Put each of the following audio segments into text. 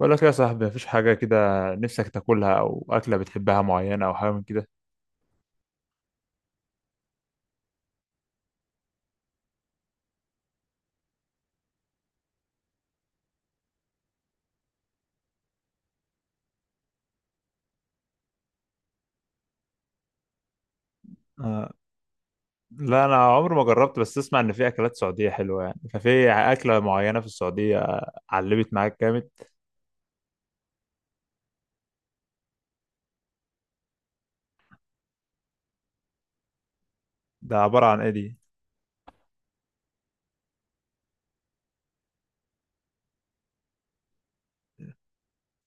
بقول لك يا صاحبي، مفيش حاجة كده نفسك تاكلها، أو أكلة بتحبها معينة، أو حاجة من كده؟ آه، لا أنا عمري ما جربت، بس أسمع إن في أكلات سعودية حلوة يعني، ففي أكلة معينة في السعودية علمت معاك جامد. ده عبارة عن إيه دي؟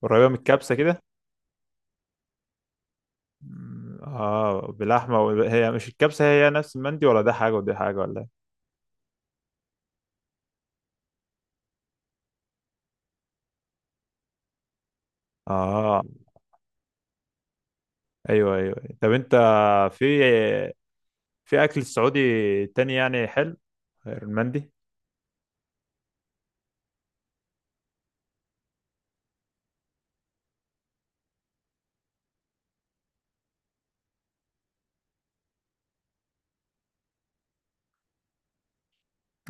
قريبة من الكبسة كده. بلحمة و هي مش الكبسة، هي نفس المندي، ولا ده حاجة ودي حاجة ولا إيه؟ آه، أيوه أيوه أيوة. طب أنت، في في أكل سعودي تاني يعني حلو غير المندي؟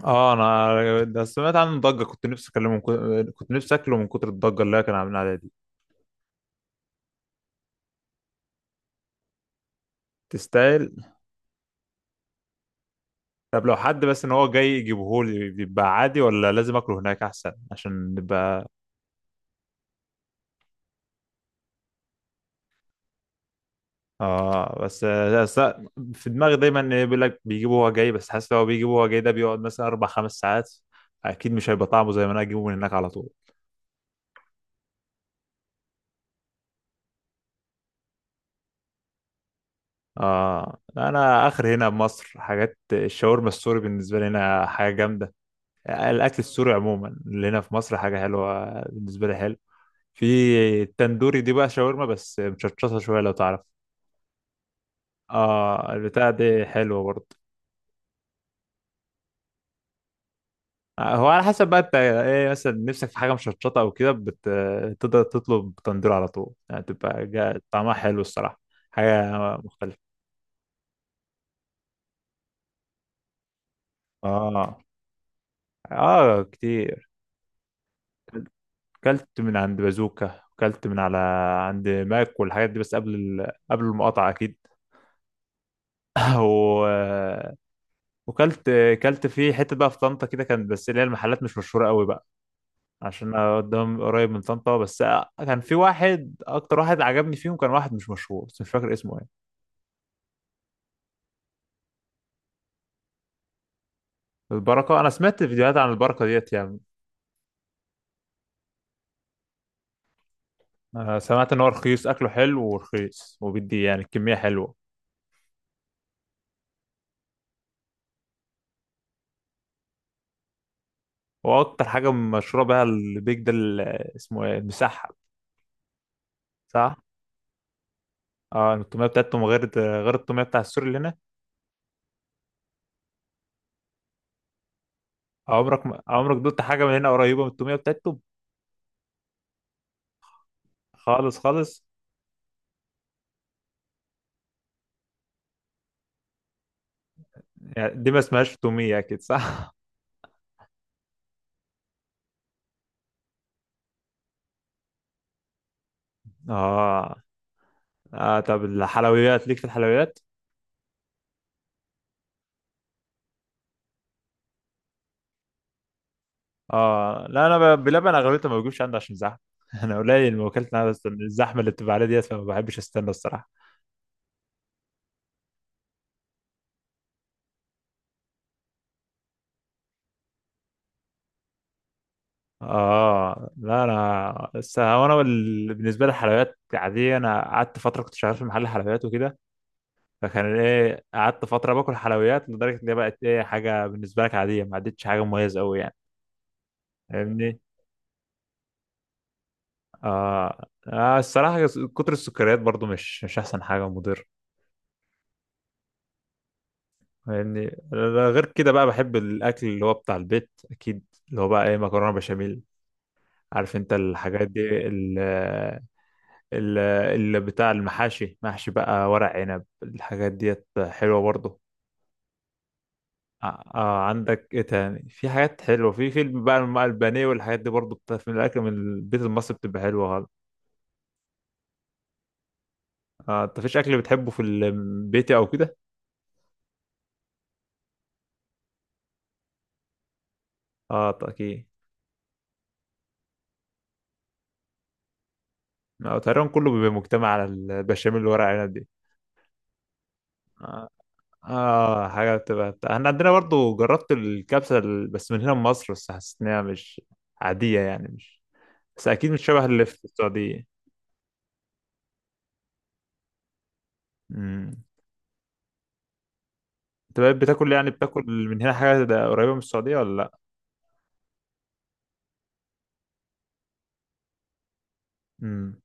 اه، انا ده سمعت عنه ضجه، كنت نفسي اكله من كتر الضجه اللي هي كانوا عاملين عليها دي. تستاهل. طب لو حد بس ان هو جاي يجيبه لي بيبقى عادي، ولا لازم اكله هناك احسن عشان نبقى؟ اه بس بس، في دماغي دايما إن بيقول لك بيجيبه هو جاي، بس حاسس لو هو بيجيبه هو جاي ده بيقعد مثلا اربع خمس ساعات، اكيد مش هيبقى طعمه زي ما انا اجيبه من هناك على طول. اه، انا اخر هنا بمصر حاجات الشاورما السوري بالنسبه لي هنا حاجه جامده. الاكل السوري عموما اللي هنا في مصر حاجه حلوه بالنسبه لي حلو. في التندوري دي بقى شاورما بس مشطشطه شويه لو تعرف. اه، البتاع دي حلوه برضه. آه، هو على حسب بقى انت ايه مثلا نفسك في حاجه مشطشطه او كده، تقدر تطلب تندور على طول يعني طعمها حلو الصراحه. حاجه مختلفه. اه اه، كتير. كلت من عند بازوكا وكلت من على عند ماك والحاجات دي، بس قبل المقاطعه اكيد. و وكلت كلت في حته بقى في طنطا كده كان، بس اللي هي المحلات مش مشهوره قوي بقى، عشان انا قدام قريب من طنطا بس. كان في واحد اكتر واحد عجبني فيهم كان واحد مش مشهور بس مش فاكر اسمه ايه. البركه انا سمعت فيديوهات عن البركه ديت يعني. أنا سمعت ان هو رخيص اكله حلو ورخيص وبيدي يعني كميه حلوه. واكتر حاجه مشهوره بقى البيك ده، اسمه ايه المسحب. صح. اه التوميه بتاعتهم غير التوميه بتاع السوري اللي هنا. عمرك ما- عمرك دوت حاجه من هنا قريبه من التوميه بتاعتهم. خالص خالص يعني دي ما اسمهاش تومية أكيد صح؟ آه. آه، طب الحلويات ليك في الحلويات؟ آه، لا أنا بلبن أغلبيته ما بجيبش عندي عشان زحمة. أنا قليل ما وكلت أنا، بس الزحمة اللي بتبقى عليها ديت فما بحبش أستنى الصراحة. آه، لا أنا بس هو أنا بالنسبة للحلويات عادية، أنا قعدت فترة كنت شغال في محل حلويات وكده، فكان إيه قعدت فترة باكل حلويات لدرجة إن هي بقت إيه حاجة بالنسبة لك عادية ما عدتش حاجة مميزة أوي يعني. فاهمني؟ آه. آه، الصراحة كتر السكريات برضو مش أحسن حاجة، مضر يعني. غير كده بقى بحب الأكل اللي هو بتاع البيت أكيد، اللي هو بقى إيه مكرونة بشاميل، عارف أنت الحاجات دي، ال- اللي بتاع المحاشي محشي بقى ورق عنب الحاجات ديت حلوة برضو. آه آه، عندك إيه تاني في حاجات حلوة في فيلم بقى، البانيه والحاجات دي برضو بتاع من الأكل من البيت المصري بتبقى حلوة خالص. آه أنت فيش أكل بتحبه في البيت أو كده؟ آه أكيد. آه، تقريبا كله بيبقى مجتمع على البشاميل اللي ورق عنب دي. اه آه، حاجه بتبقى بتاع. احنا عندنا برضو جربت الكبسه، بس من هنا من مصر، بس حسيت انها مش عاديه يعني مش، بس اكيد مش شبه اللي في السعوديه. امم انت بقى بتاكل يعني بتاكل من هنا حاجه ده قريبه من السعوديه ولا لا؟ امم،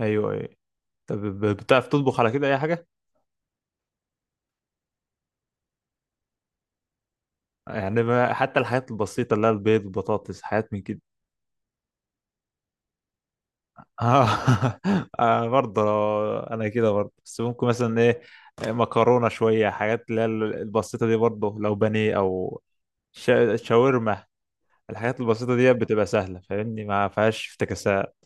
ايوه ايوه. طب بتعرف تطبخ على كده اي حاجه؟ يعني حتى الحاجات البسيطه اللي هي البيض البطاطس حاجات من كده؟ اه. آه، برضه انا كده برضه، بس ممكن مثلا ايه مكرونه شويه، حاجات اللي هي البسيطه دي، برضه لو بانيه او شاورما. الحاجات البسيطه دي بتبقى سهله فاهمني، ما فيهاش افتكاسات.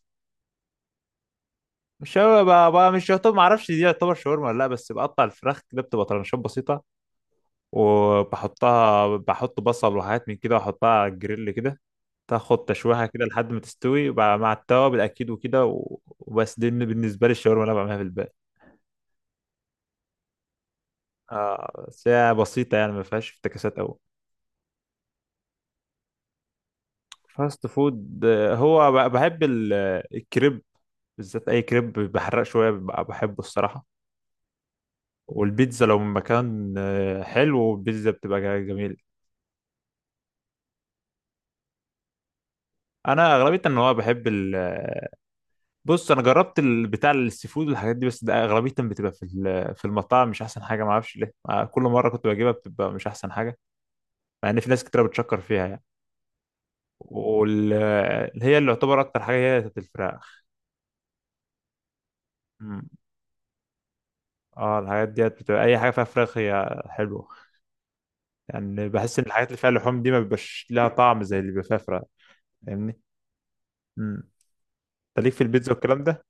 مش شاورما بقى مش يعتبر ما اعرفش دي يعتبر شاورما ولا لا، بس بقطع الفراخ كده بتبقى طرنشات بسيطه، وبحطها بحط بصل وحاجات من كده واحطها على الجريل كده، تاخد تشويحه كده لحد ما تستوي، وبقى مع التوابل اكيد وكده وبس. دي بالنسبه لي الشاورما اللي انا بعملها في البيت. آه بس هي بسيطة يعني ما فيهاش افتكاسات أوي. فاست فود آه، هو بحب الكريب، بالذات أي كريب بحرق شوية ببقى بحبه الصراحة. والبيتزا لو من مكان آه، حلو البيتزا بتبقى جميل. أنا أغلبية إن هو بحب ال آه، بص أنا جربت بتاع السي فود والحاجات دي، بس ده أغلبية بتبقى في المطاعم مش أحسن حاجة، معرفش ليه آه، كل مرة كنت بجيبها بتبقى مش أحسن حاجة، مع إن في ناس كتير بتشكر فيها يعني. واللي هي اللي يعتبر أكتر حاجة هي بتاعت الفراخ. مم. اه الحاجات ديت بتبقى اي حاجه فيها فراخ هي حلوه، يعني بحس ان الحاجات اللي فيها لحوم دي ما بيبقاش لها طعم زي اللي بيبقى فيها فراخ. فاهمني. امم انت ليك في البيتزا والكلام ده؟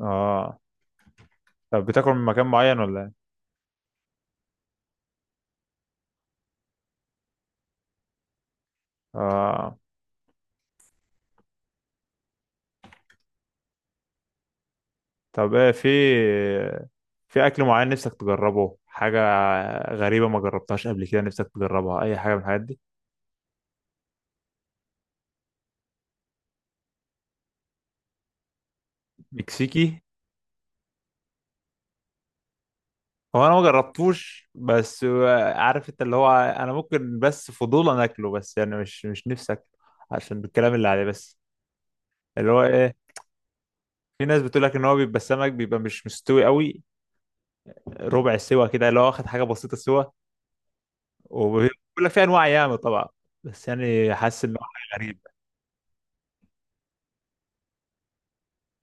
اه طب بتاكل من مكان معين ولا ايه؟ اه طب ايه، في اكل معين نفسك تجربه، حاجه غريبه ما جربتهاش قبل كده نفسك تجربها اي حاجه من الحاجات دي؟ مكسيكي؟ هو انا ما جربتوش بس، عارف انت اللي هو انا ممكن بس فضولا اكله، بس يعني مش نفسك، عشان الكلام اللي عليه بس. اللي هو ايه؟ في ناس بتقول لك ان هو بيبقى السمك بيبقى مش مستوي قوي، ربع السوا كده اللي هو واخد حاجه بسيطه سوا، وبيقول لك في انواع ياما طبعا، بس يعني حاسس ان هو حاجه غريبه،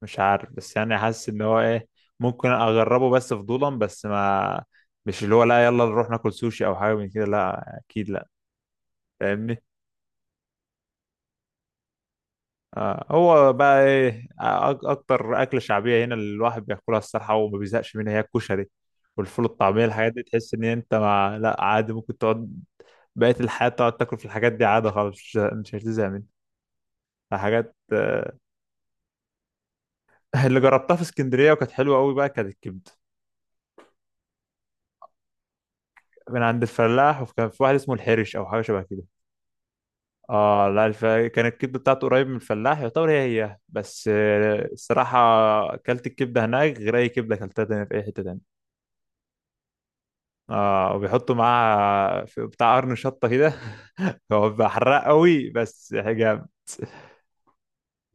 مش عارف بس يعني حاسس ان هو ايه، ممكن اجربه بس فضولا، بس ما، مش اللي هو لا يلا نروح ناكل سوشي او حاجه من كده، لا اكيد لا. فاهمني. آه، هو بقى ايه اكتر اكله شعبيه هنا اللي الواحد بياكلها الصراحه وما بيزهقش منها، هي الكشري والفول الطعميه، الحاجات دي تحس ان انت لا عادي ممكن تقعد بقيه الحياه تقعد تاكل في الحاجات دي عادي خالص، مش هتزهق منها. آه، حاجات اللي جربتها في اسكندريه وكانت حلوه قوي بقى كانت الكبده، من عند الفلاح، وكان في واحد اسمه الحرش او حاجه شبه كده. اه لا، كانت الكبده بتاعته قريب من الفلاح يعتبر، هي هي بس آه، الصراحه اكلت الكبده هناك غير اي كبده اكلتها تاني في اي حته تانية. اه وبيحطوا معاها في بتاع قرن شطة كده. هو بيبقى حراق قوي بس حاجة.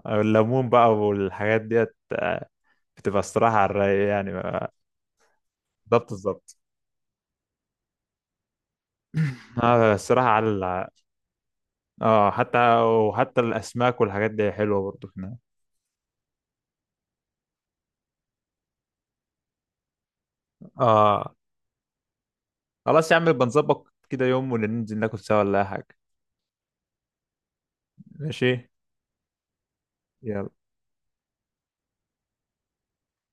الليمون بقى والحاجات ديت آه، بتبقى الصراحة على الرايق يعني بالظبط. بالظبط. اه الصراحة اه حتى الأسماك والحاجات دي حلوة برضو هنا. اه خلاص يا عم بنظبط كده يوم وننزل ناكل سوا ولا أي حاجة. ماشي. يلا.